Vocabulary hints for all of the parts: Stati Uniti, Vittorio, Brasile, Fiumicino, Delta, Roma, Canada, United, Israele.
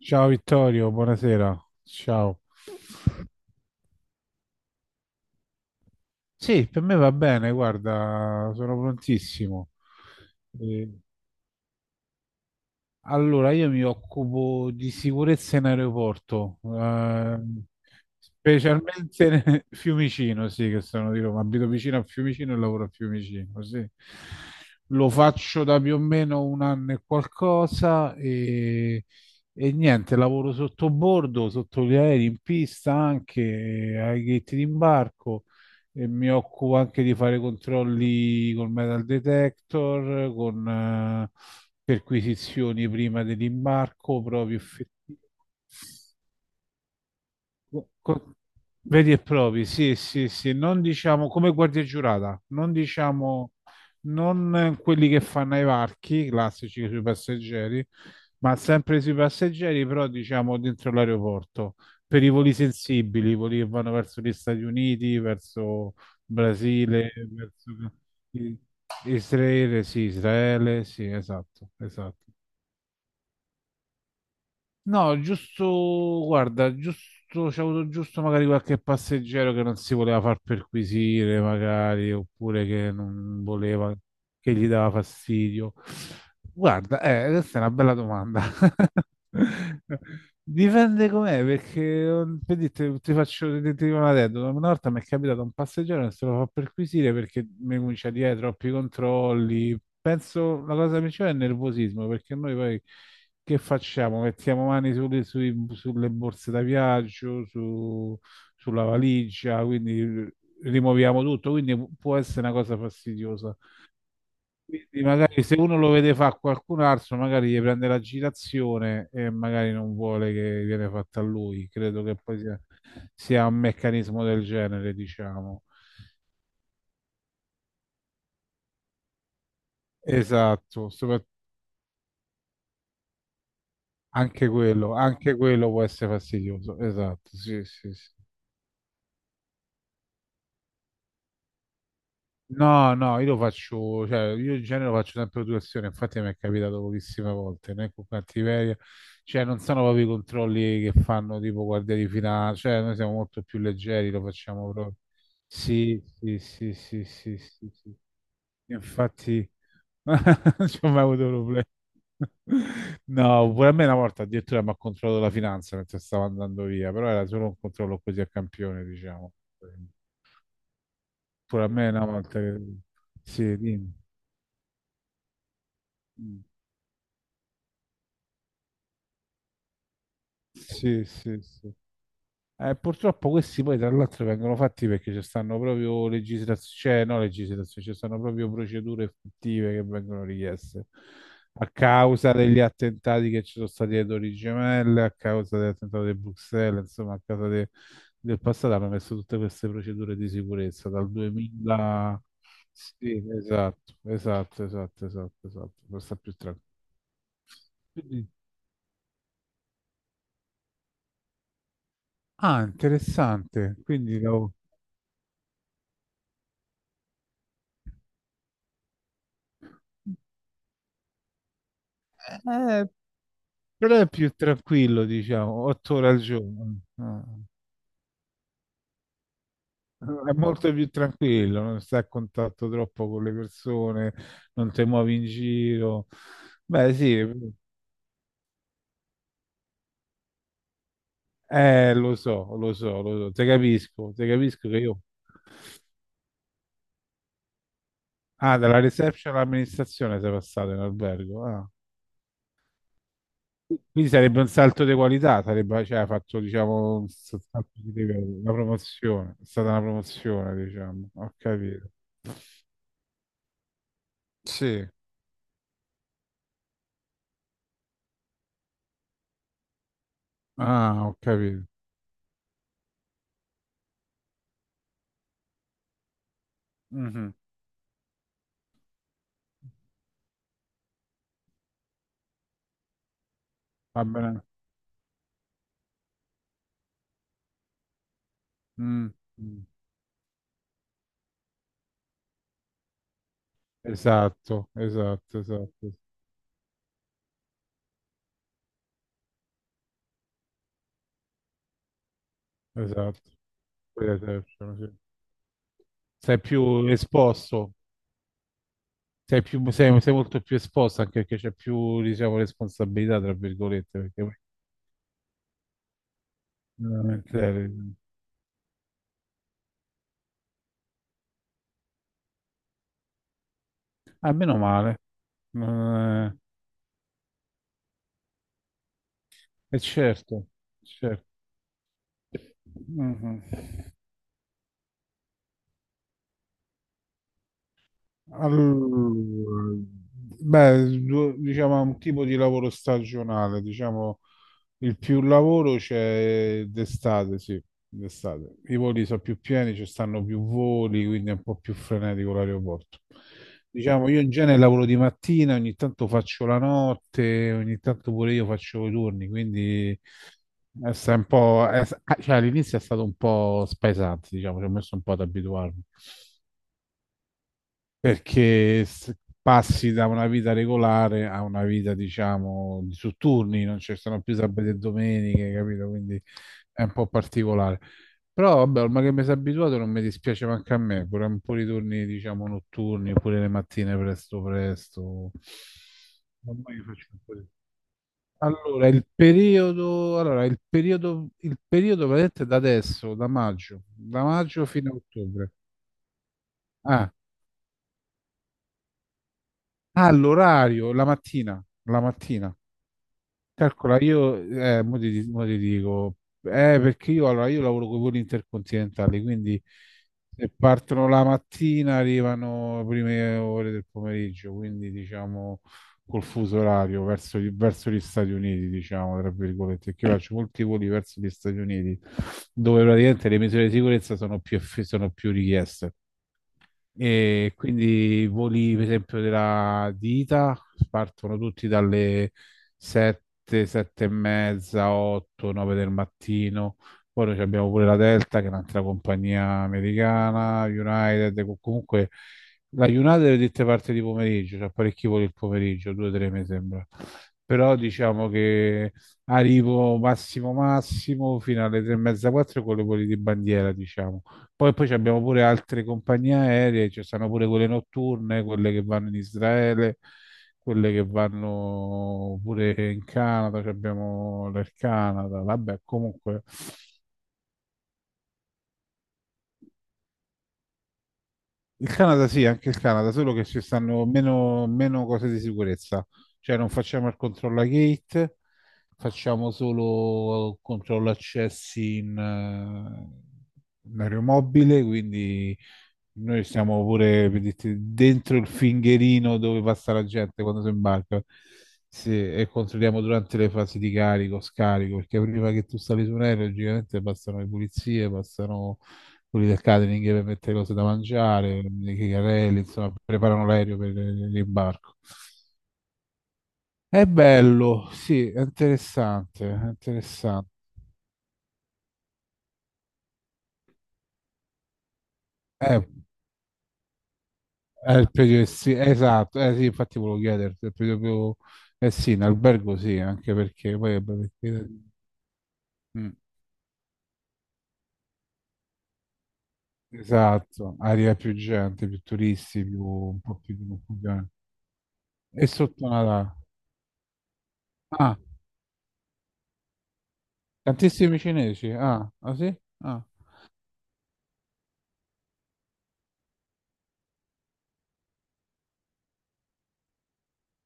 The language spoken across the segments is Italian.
Ciao Vittorio, buonasera. Ciao. Sì, per me va bene, guarda, sono prontissimo. Eh, Allora, io mi occupo di sicurezza in aeroporto, specialmente Fiumicino, sì, che sono di Roma. Abito vicino a Fiumicino e lavoro a Fiumicino, sì. Lo faccio da più o meno un anno e qualcosa e niente, lavoro sotto bordo, sotto gli aerei, in pista anche, ai gate d'imbarco e mi occupo anche di fare controlli col metal detector, con perquisizioni prima dell'imbarco, proprio effettive. Co- co- Veri e propri, sì, sì, sì, non diciamo come guardia giurata, non diciamo non quelli che fanno i varchi classici sui passeggeri, ma sempre sui passeggeri, però diciamo dentro l'aeroporto, per i voli sensibili, i voli che vanno verso gli Stati Uniti, verso Brasile, verso i- Israele, sì, esatto, esatto. No, giusto, guarda, giusto, c'è avuto giusto magari qualche passeggero che non si voleva far perquisire, magari, oppure che non voleva, che gli dava fastidio. Guarda, questa è una bella domanda. Dipende com'è, perché oh, per dirti, ti dico una aneddoto. Una volta mi è capitato un passeggero che se lo fa perquisire perché mi comincia a dire troppi controlli." Penso la cosa principale è il nervosismo, perché noi poi che facciamo? Mettiamo mani sulle, sulle borse da viaggio, sulla valigia, quindi rimuoviamo tutto, quindi può essere una cosa fastidiosa. Quindi magari se uno lo vede fa qualcun altro, magari gli prende l'agitazione e magari non vuole che viene fatta a lui. Credo che poi sia un meccanismo del genere, diciamo. Esatto, anche quello può essere fastidioso. Esatto, sì, sì, sì. No, no, io lo faccio, cioè, io in genere lo faccio sempre per situazione, infatti mi è capitato pochissime volte, né con cattiveria, cioè non sono proprio i controlli che fanno tipo guardia di finanza, cioè noi siamo molto più leggeri, lo facciamo proprio. Sì, sì, sì, sì, sì, sì, sì. Infatti non ci ho mai avuto problemi. No, pure a me una volta addirittura mi ha controllato la finanza mentre stavo andando via, però era solo un controllo così a campione, diciamo. Pure a me una volta che... Sì, dimmi. Mm. Sì, sì, sì. Purtroppo questi poi tra l'altro vengono fatti perché ci stanno proprio legislazioni, cioè no legislazioni, ci stanno proprio procedure effettive che vengono richieste a causa degli attentati che ci sono stati alle Torri Gemelle, a causa dell'attentato di Bruxelles, insomma a causa del passato hanno messo tutte queste procedure di sicurezza dal 2000. Sì, esatto, esatto, esatto, esatto, esatto, per stare più tranquillo. Quindi- Ah, interessante. Quindi, eh, però è più tranquillo, diciamo, 8 ore al giorno. Ah. È molto più tranquillo, non stai a contatto troppo con le persone, non ti muovi in giro. Beh, sì, lo so, lo so, lo so, te capisco che io... Ah, dalla reception all'amministrazione sei passato in albergo. Ah. Quindi sarebbe un salto di qualità, sarebbe, cioè, hai fatto, diciamo, un salto di livello, una promozione, è stata una promozione, diciamo, ho capito. Sì, ah, ho capito. Mhm. Va bene. Mm. Mm. Esatto, esatto, esatto, esatto. Quella è Perception, sì. Sei più esposto, sei molto più esposto anche perché c'è più, diciamo, responsabilità, tra virgolette, perché poi veramente Ah, meno male. Eh, E certo, certo. Mhm. Allora, beh, diciamo è un tipo di lavoro stagionale, diciamo il più lavoro c'è d'estate, sì, d'estate. I voli sono più pieni, ci stanno più voli, quindi è un po' più frenetico l'aeroporto. Diciamo, io in genere lavoro di mattina, ogni tanto faccio la notte, ogni tanto pure io faccio i turni, quindi è un po', cioè, all'inizio è stato un po' spesante, diciamo, ci ho messo un po' ad abituarmi perché passi da una vita regolare a una vita, diciamo, di su turni, non ci sono più sabati e domeniche, capito? Quindi è un po' particolare. Però vabbè, ormai che mi sono abituato non mi dispiace manco a me, pure un po' di turni, diciamo, notturni, oppure le mattine presto presto. Ormai io faccio un po' di- Allora, il periodo vedete da adesso, da maggio fino a ottobre. Ah, Ah, l'orario, la mattina, la mattina. Calcola, io, mo ti dico, perché io, allora, io lavoro con i voli intercontinentali, quindi se partono la mattina arrivano le prime ore del pomeriggio, quindi diciamo col fuso orario verso, verso gli Stati Uniti, diciamo, tra virgolette, che io faccio molti voli verso gli Stati Uniti, dove praticamente le misure di sicurezza sono più, sono più richieste. E quindi i voli, per esempio, della di ida partono tutti dalle 7, 7 e mezza, 8, 9 del mattino. Poi noi abbiamo pure la Delta, che è un'altra compagnia americana, United, comunque la United è dette parte di pomeriggio, c'è parecchi voli il pomeriggio, 2-3 mi sembra. Però diciamo che arrivo massimo massimo fino alle 3 e mezza, 4 con le voli di bandiera, diciamo. Poi ci abbiamo pure altre compagnie aeree, ci stanno pure quelle notturne, quelle che vanno in Israele, quelle che vanno pure in Canada, ci abbiamo del Canada, vabbè, comunque il Canada sì, anche il Canada, solo che ci stanno meno, meno cose di sicurezza, cioè non facciamo il controllo a gate, facciamo solo controllo accessi in aeromobile, quindi noi siamo pure per dirti, dentro il fingerino dove passa la gente quando si imbarca. Sì, e controlliamo durante le fasi di carico, scarico, perché prima che tu sali su un aereo, logicamente passano le pulizie, passano quelli del catering per mettere cose da mangiare, i carrelli, insomma, preparano l'aereo per l'imbarco. È bello, sì, è interessante, è interessante. Eh, È il periodo esatto, eh sì, infatti volevo chiederti, è il periodo più, eh sì, in albergo sì, anche perché poi, vabbè, perché- mm, esatto, aria più gente, più turisti, più, un po' più di confusione. E sotto Natale? Ah, tantissimi cinesi, ah, ah sì? Ah,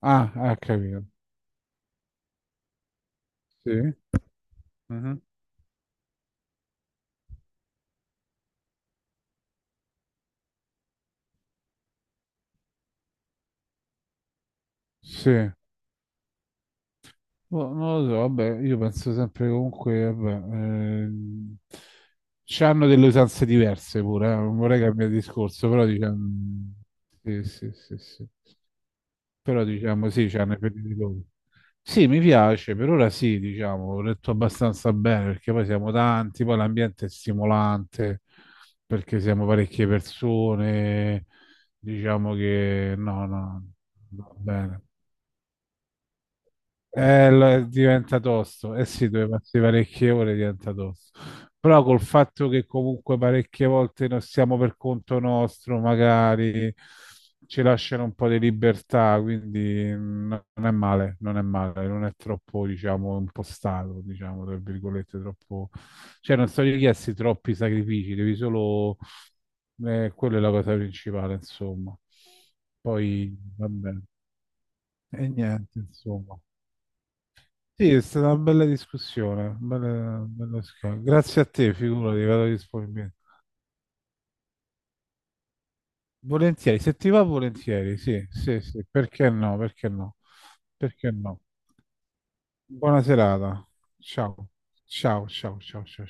ah, ah, capito, sì, mhm. Sì. Boh, non lo so, vabbè, io penso sempre che comunque, vabbè, c'hanno delle usanze diverse pure, non vorrei cambiare discorso, però diciamo, sì, sì, sì, sì. Però diciamo sì, c'hanno i periodi loro. Sì, mi piace, per ora sì, diciamo, ho letto abbastanza bene perché poi siamo tanti, poi l'ambiente è stimolante perché siamo parecchie persone, diciamo che no, no, va bene. Diventa tosto, eh sì, dove passi parecchie ore diventa tosto. Però col fatto che comunque parecchie volte non siamo per conto nostro, magari ci lasciano un po' di libertà, quindi non è male, non è male, non è troppo, diciamo, impostato, diciamo, tra virgolette, troppo... Cioè non sono richiesti troppi sacrifici, devi solo... quella è la cosa principale, insomma. Poi, vabbè, e niente, insomma. Sì, è stata una bella discussione, bella, bella discussione. Grazie a te, figurati, vado disponibile. Volentieri, se ti va volentieri, sì, sì, sì, perché no, perché no, perché no. Buona serata. Ciao, ciao, ciao, ciao, ciao.